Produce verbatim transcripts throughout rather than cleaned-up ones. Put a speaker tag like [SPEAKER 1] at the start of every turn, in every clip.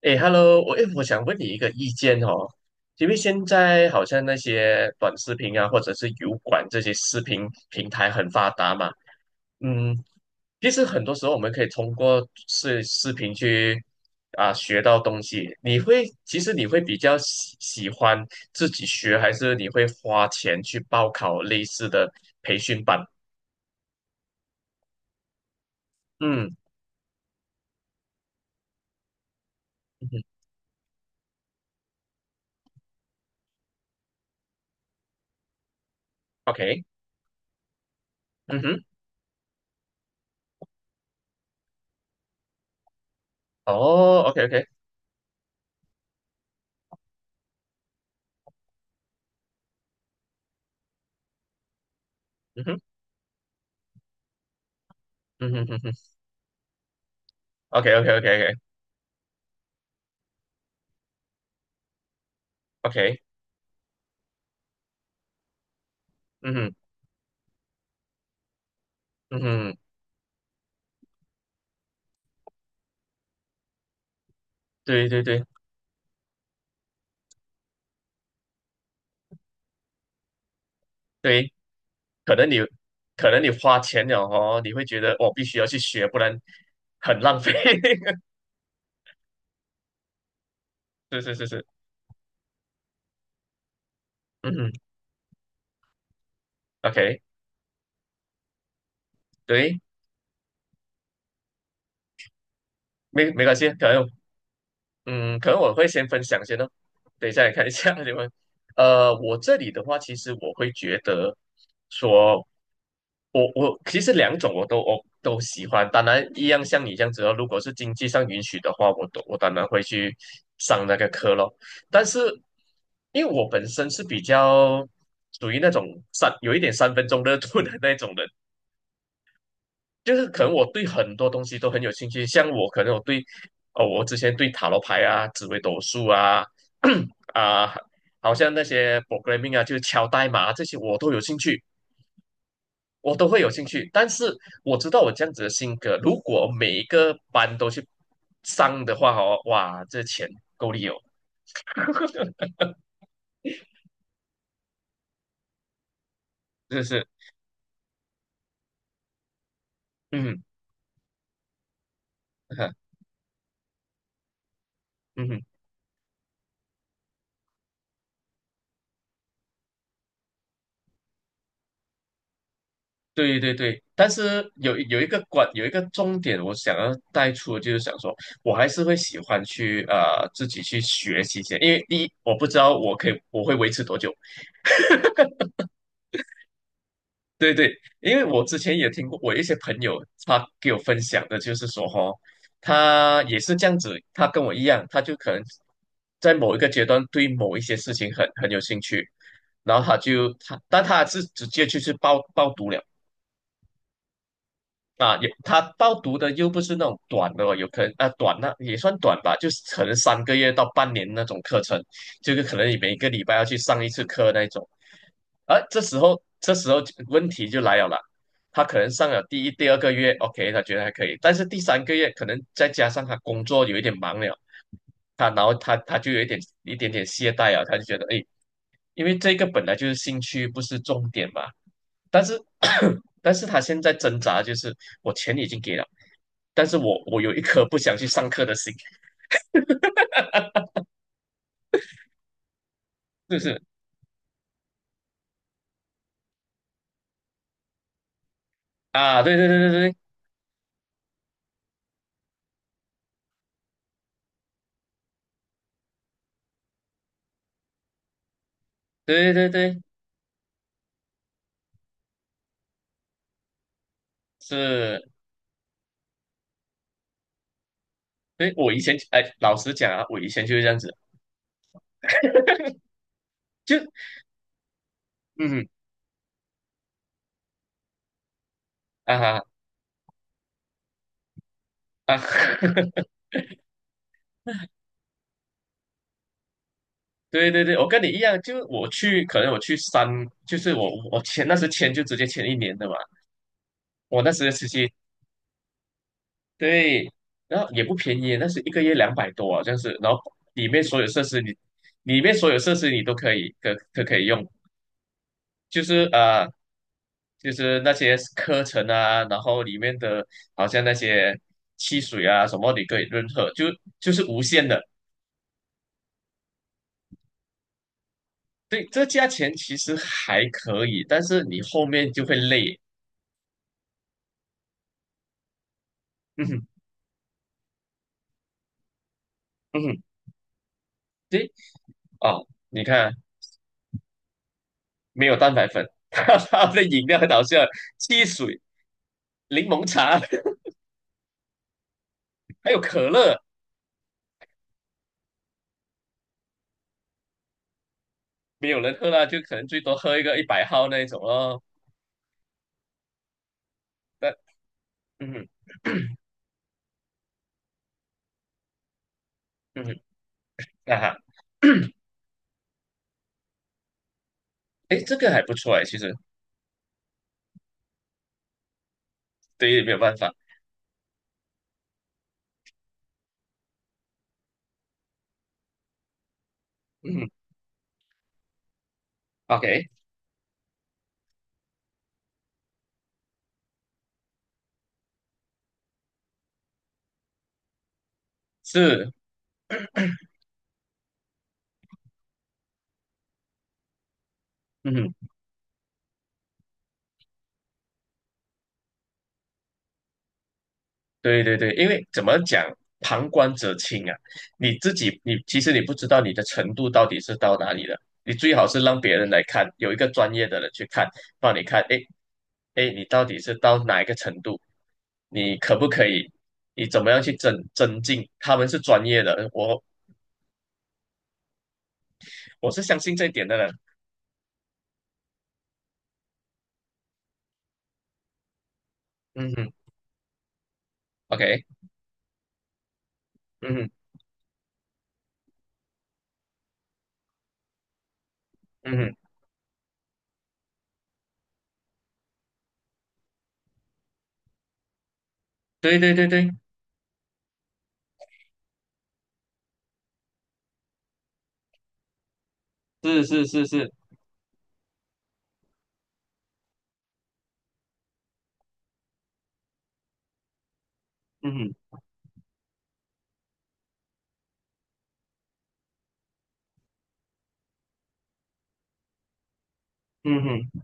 [SPEAKER 1] 哎，Hello，我哎，诶我想问你一个意见哦。因为现在好像那些短视频啊，或者是油管这些视频平台很发达嘛。嗯。其实很多时候我们可以通过视视频去啊学到东西。你会，其实你会比较喜喜欢自己学，还是你会花钱去报考类似的培训班？嗯嗯哼。OK。嗯哼。哦，OK OK。嗯哼。嗯哼哼哼。OK OK OK OK OK。嗯哼嗯哼。对对对对。可能你可能你花钱了哦，你会觉得我、哦必须要去学，不然很浪费。是是是是。嗯哼。OK。对。没没关系，可能嗯，可能我会先分享先哦，等一下你看一下 你们，呃，我这里的话，其实我会觉得说。我我其实两种我都我都喜欢，当然一样像你这样子哦。如果是经济上允许的话，我都我当然会去上那个课咯。但是因为我本身是比较属于那种三有一点三分钟热度的那种人，就是可能我对很多东西都很有兴趣。像我可能我对哦，我之前对塔罗牌啊、紫微斗数啊， 啊，好像那些 programming 啊，就是敲代码啊这些我都有兴趣。我都会有兴趣，但是我知道我这样子的性格，如果每一个班都去上的话，哦，哇，这钱够力哦。真的是。嗯。哼。嗯哼。对对对。但是有有一个关有一个重点，我想要带出的就是想说，我还是会喜欢去呃自己去学习一些，因为第一我不知道我可以我会维持多久。对对。因为我之前也听过，我一些朋友他给我分享的，就是说哈、哦，他也是这样子，他跟我一样，他就可能在某一个阶段对某一些事情很很有兴趣，然后他就他，但他是直接就是报报读了。啊，有他报读的又不是那种短的哦，有可能啊短那也算短吧，就是可能三个月到半年那种课程，就是可能你每个礼拜要去上一次课那一种。而这时候这时候就问题就来了啦。他可能上了第一、第二个月，OK，他觉得还可以，但是第三个月可能再加上他工作有一点忙了，他然后他他就有一点一点点懈怠啊，他就觉得哎，诶因为这个本来就是兴趣，不是重点嘛。但是 但是他现在挣扎就是我钱已经给了，但是我我有一颗不想去上课的心。就是啊。对对对对对对对对。是。对我以前哎，老实讲啊，我以前就是这样子。就嗯啊哈啊，对对对。我跟你一样，就我去可能我去三，就是我我签那时签就直接签一年的嘛。我那时其实习。对。然后也不便宜，那是一个月两百多啊，这样子。然后里面所有设施你，里面所有设施你都可以可可可以用，就是呃，就是那些课程啊，然后里面的好像那些汽水啊什么，你可以任喝，就就是无限的。对，这价钱其实还可以，但是你后面就会累。嗯哼。嗯哼。对哦，你看没有蛋白粉。它的饮料很好笑，汽水、柠檬茶。还有可乐。没有人喝啦，就可能最多喝一个一百号那一种咯。但嗯 嗯。啊哈。哎，这个还不错哎，其实对，没有办法。嗯。OK。是。嗯。对对对，因为怎么讲，旁观者清啊。你自己你其实你不知道你的程度到底是到哪里了，你最好是让别人来看，有一个专业的人去看，帮你看，哎哎，诶你到底是到哪一个程度，你可不可以，你怎么样去增增进？他们是专业的。我我是相信这一点的人。嗯哼。OK。嗯哼。嗯哼。对对对对。是是是是。嗯哼。嗯哼。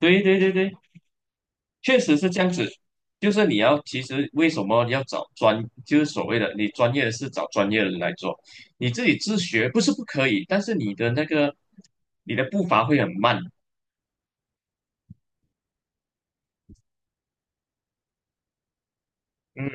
[SPEAKER 1] 对对对对。确实是这样子，就是你要其实为什么要找专，就是所谓的你专业的事找专业的人来做。你自己自学不是不可以，但是你的那个你的步伐会很慢。嗯。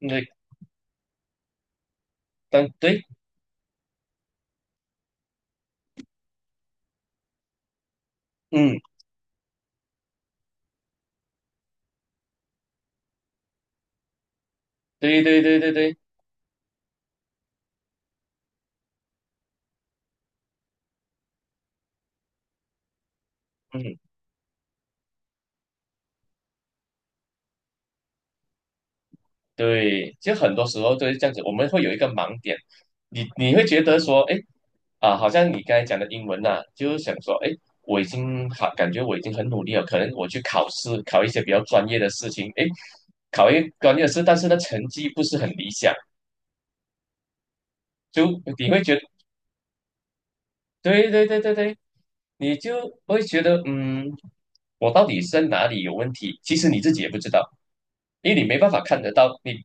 [SPEAKER 1] 对但对。嗯。对对对对对。嗯。对，就很多时候都是这样子，我们会有一个盲点，你你会觉得说，哎，啊，好像你刚才讲的英文呐、就是想说，哎，我已经好，感觉我已经很努力了，可能我去考试，考一些比较专业的事情，哎，考一专业的事，但是呢，成绩不是很理想。就你会觉得。对对对对对。你就会觉得，嗯，我到底是在哪里有问题？其实你自己也不知道，因为你没办法看得到，你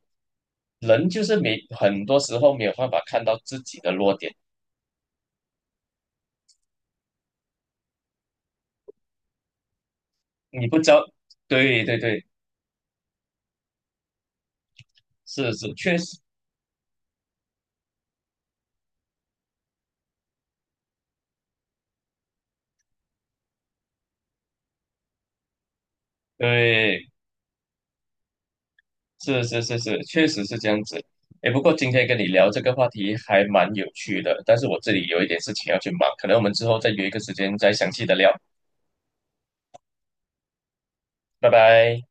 [SPEAKER 1] 人就是没很多时候没有办法看到自己的弱点。你不知道。对对对。是是。确实。对。是是是是。确实是这样子。哎，不过今天跟你聊这个话题还蛮有趣的，但是我这里有一点事情要去忙，可能我们之后再约一个时间再详细的聊，拜拜。